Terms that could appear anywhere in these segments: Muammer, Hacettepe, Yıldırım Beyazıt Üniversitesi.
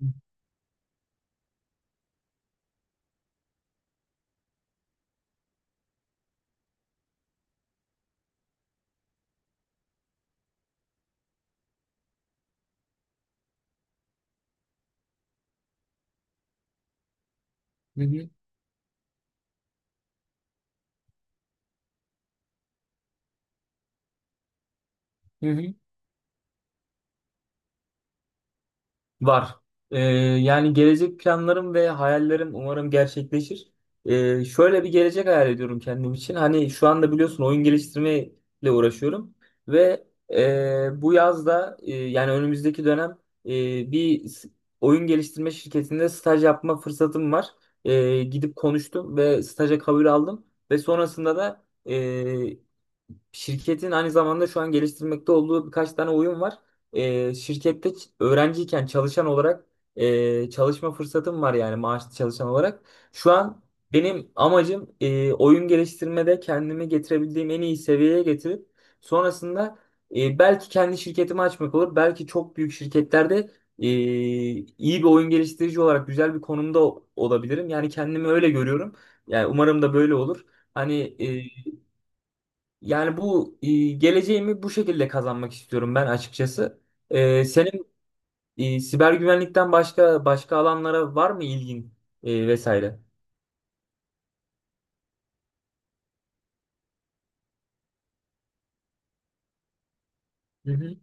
Hı hı. Hı hı. Var. Yani gelecek planlarım ve hayallerim umarım gerçekleşir. Şöyle bir gelecek hayal ediyorum kendim için. Hani şu anda biliyorsun oyun geliştirmeyle uğraşıyorum ve bu yazda yani önümüzdeki dönem e, bir oyun geliştirme şirketinde staj yapma fırsatım var. Gidip konuştum ve staja kabul aldım ve sonrasında da e, Şirketin aynı zamanda şu an geliştirmekte olduğu birkaç tane oyun var. Şirkette öğrenciyken çalışan olarak çalışma fırsatım var yani maaşlı çalışan olarak. Şu an benim amacım oyun geliştirmede kendimi getirebildiğim en iyi seviyeye getirip sonrasında belki kendi şirketimi açmak olur. Belki çok büyük şirketlerde e, iyi bir oyun geliştirici olarak güzel bir konumda olabilirim. Yani kendimi öyle görüyorum. Yani umarım da böyle olur. Hani yani bu geleceğimi bu şekilde kazanmak istiyorum ben açıkçası. Senin siber güvenlikten başka başka alanlara var mı ilgin vesaire? Hı hı.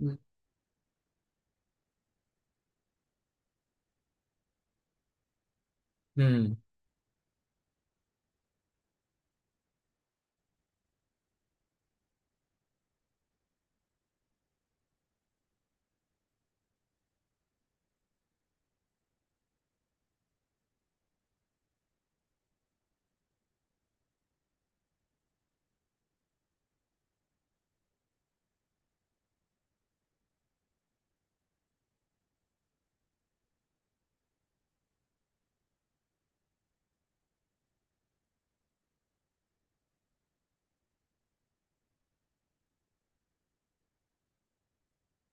Hı. Hmm.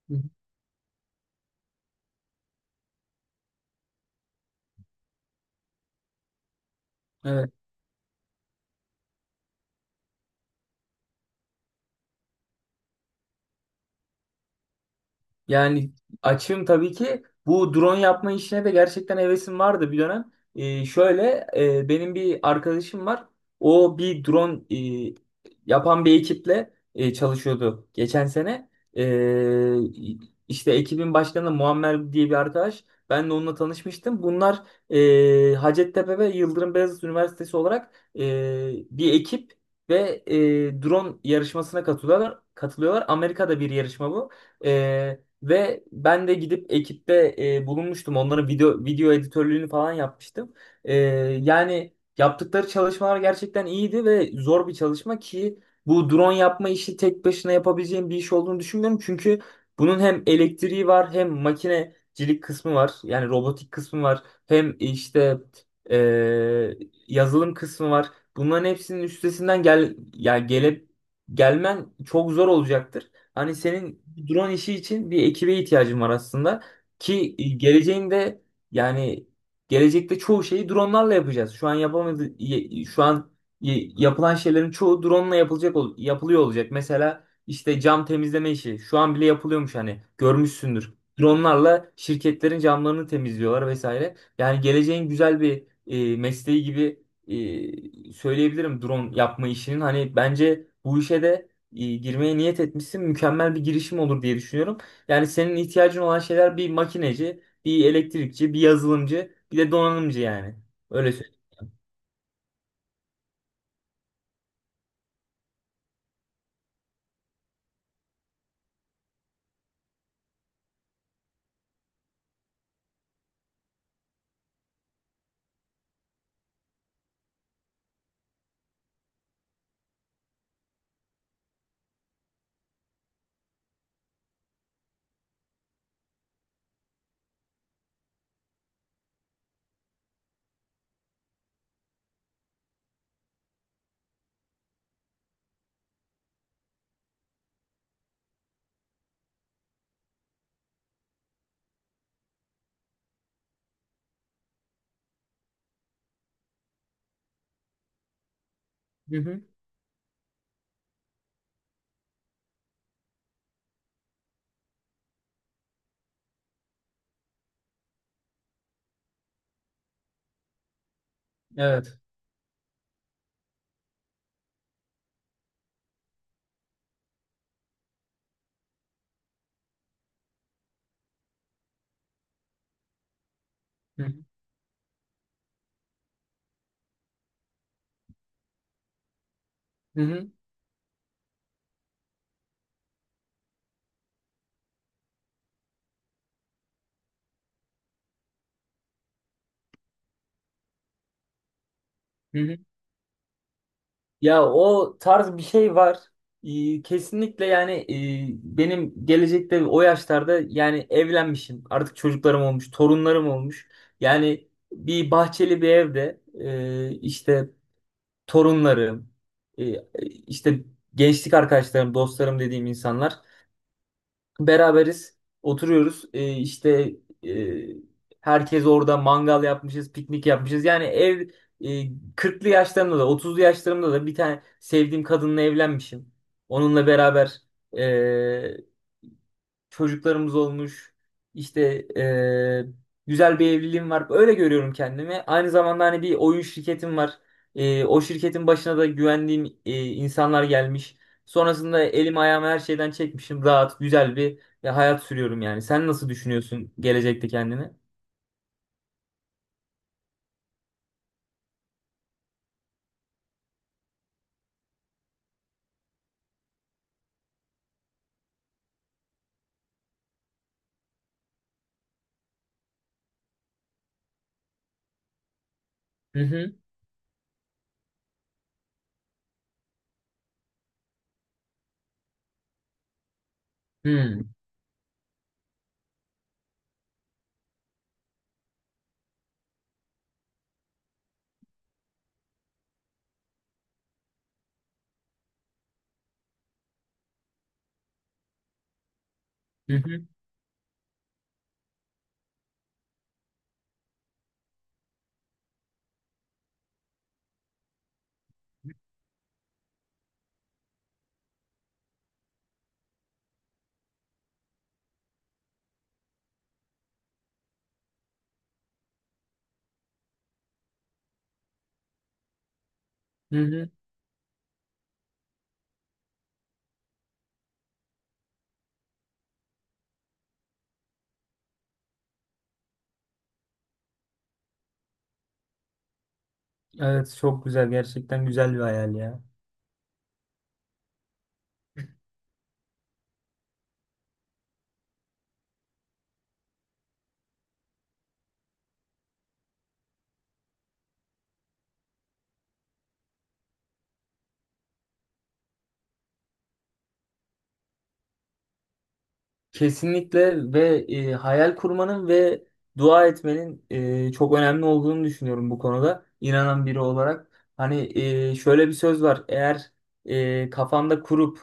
Hı. Evet. Yani açığım tabii ki. Bu drone yapma işine de gerçekten hevesim vardı bir dönem. Şöyle benim bir arkadaşım var. O bir drone e, yapan bir ekiple çalışıyordu geçen sene. Ee, işte ekibin başkanı Muammer diye bir arkadaş. Ben de onunla tanışmıştım. Bunlar Hacettepe ve Yıldırım Beyazıt Üniversitesi olarak bir ekip ve drone yarışmasına katılıyorlar. Amerika'da bir yarışma bu. Ee, ve ben de gidip ekipte bulunmuştum. Onların video editörlüğünü falan yapmıştım. E, yani yaptıkları çalışmalar gerçekten iyiydi ve zor bir çalışma ki bu drone yapma işi tek başına yapabileceğim bir iş olduğunu düşünmüyorum. Çünkü bunun hem elektriği var hem makinecilik kısmı var. Yani robotik kısmı var. Hem işte e, yazılım kısmı var. Bunların hepsinin üstesinden yani gelmen çok zor olacaktır. Hani senin bu drone işi için bir ekibe ihtiyacın var aslında. Ki geleceğinde yani gelecekte çoğu şeyi dronelarla yapacağız. Şu an yapılan şeylerin çoğu drone'la yapılıyor olacak. Mesela işte cam temizleme işi şu an bile yapılıyormuş hani görmüşsündür. Drone'larla şirketlerin camlarını temizliyorlar vesaire. Yani geleceğin güzel bir mesleği gibi söyleyebilirim drone yapma işinin. Hani bence bu işe de girmeye niyet etmişsin. Mükemmel bir girişim olur diye düşünüyorum. Yani senin ihtiyacın olan şeyler bir makineci, bir elektrikçi, bir yazılımcı, bir de donanımcı yani. Öyle söyleyeyim. Hı hı. Evet. Hı hı. Hı hı. Hı hı. Ya o tarz bir şey var. Kesinlikle yani benim gelecekte o yaşlarda yani evlenmişim. Artık çocuklarım olmuş, torunlarım olmuş. Yani bir bahçeli bir evde işte torunlarım, e, e, işte gençlik arkadaşlarım, dostlarım dediğim insanlar beraberiz, oturuyoruz. E, işte e, herkes orada mangal yapmışız, piknik yapmışız. Yani e, 40'lı yaşlarımda da 30'lu yaşlarımda da bir tane sevdiğim kadınla evlenmişim. Onunla beraber e, çocuklarımız olmuş. İşte güzel bir evliliğim var. Öyle görüyorum kendimi. Aynı zamanda hani bir oyun şirketim var. O şirketin başına da güvendiğim insanlar gelmiş. Sonrasında elim ayağımı her şeyden çekmişim. Rahat, güzel bir hayat sürüyorum yani. Sen nasıl düşünüyorsun gelecekte kendini? Hı hı. Hı hı. Hı hı. Hı hı. Evet, çok güzel. Gerçekten güzel bir hayal ya. Kesinlikle ve hayal kurmanın ve dua etmenin çok önemli olduğunu düşünüyorum bu konuda inanan biri olarak. Hani şöyle bir söz var. Eğer kafanda kurup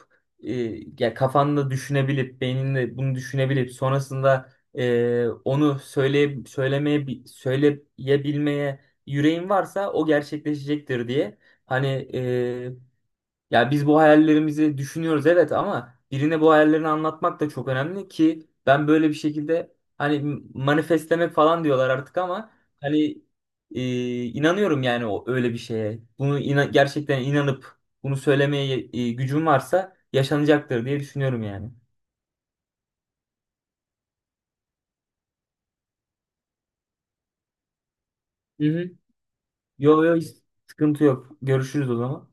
e, ya kafanda düşünebilip beyninde bunu düşünebilip sonrasında onu söylemeye söyleyebilmeye yüreğin varsa o gerçekleşecektir diye. Hani e, ya biz bu hayallerimizi düşünüyoruz evet ama birine bu hayallerini anlatmak da çok önemli ki ben böyle bir şekilde hani manifestlemek falan diyorlar artık ama hani inanıyorum yani o öyle bir şeye. Bunu gerçekten inanıp bunu söylemeye gücüm varsa yaşanacaktır diye düşünüyorum yani. Hı hı. Yo yo hiç sıkıntı yok. Görüşürüz o zaman.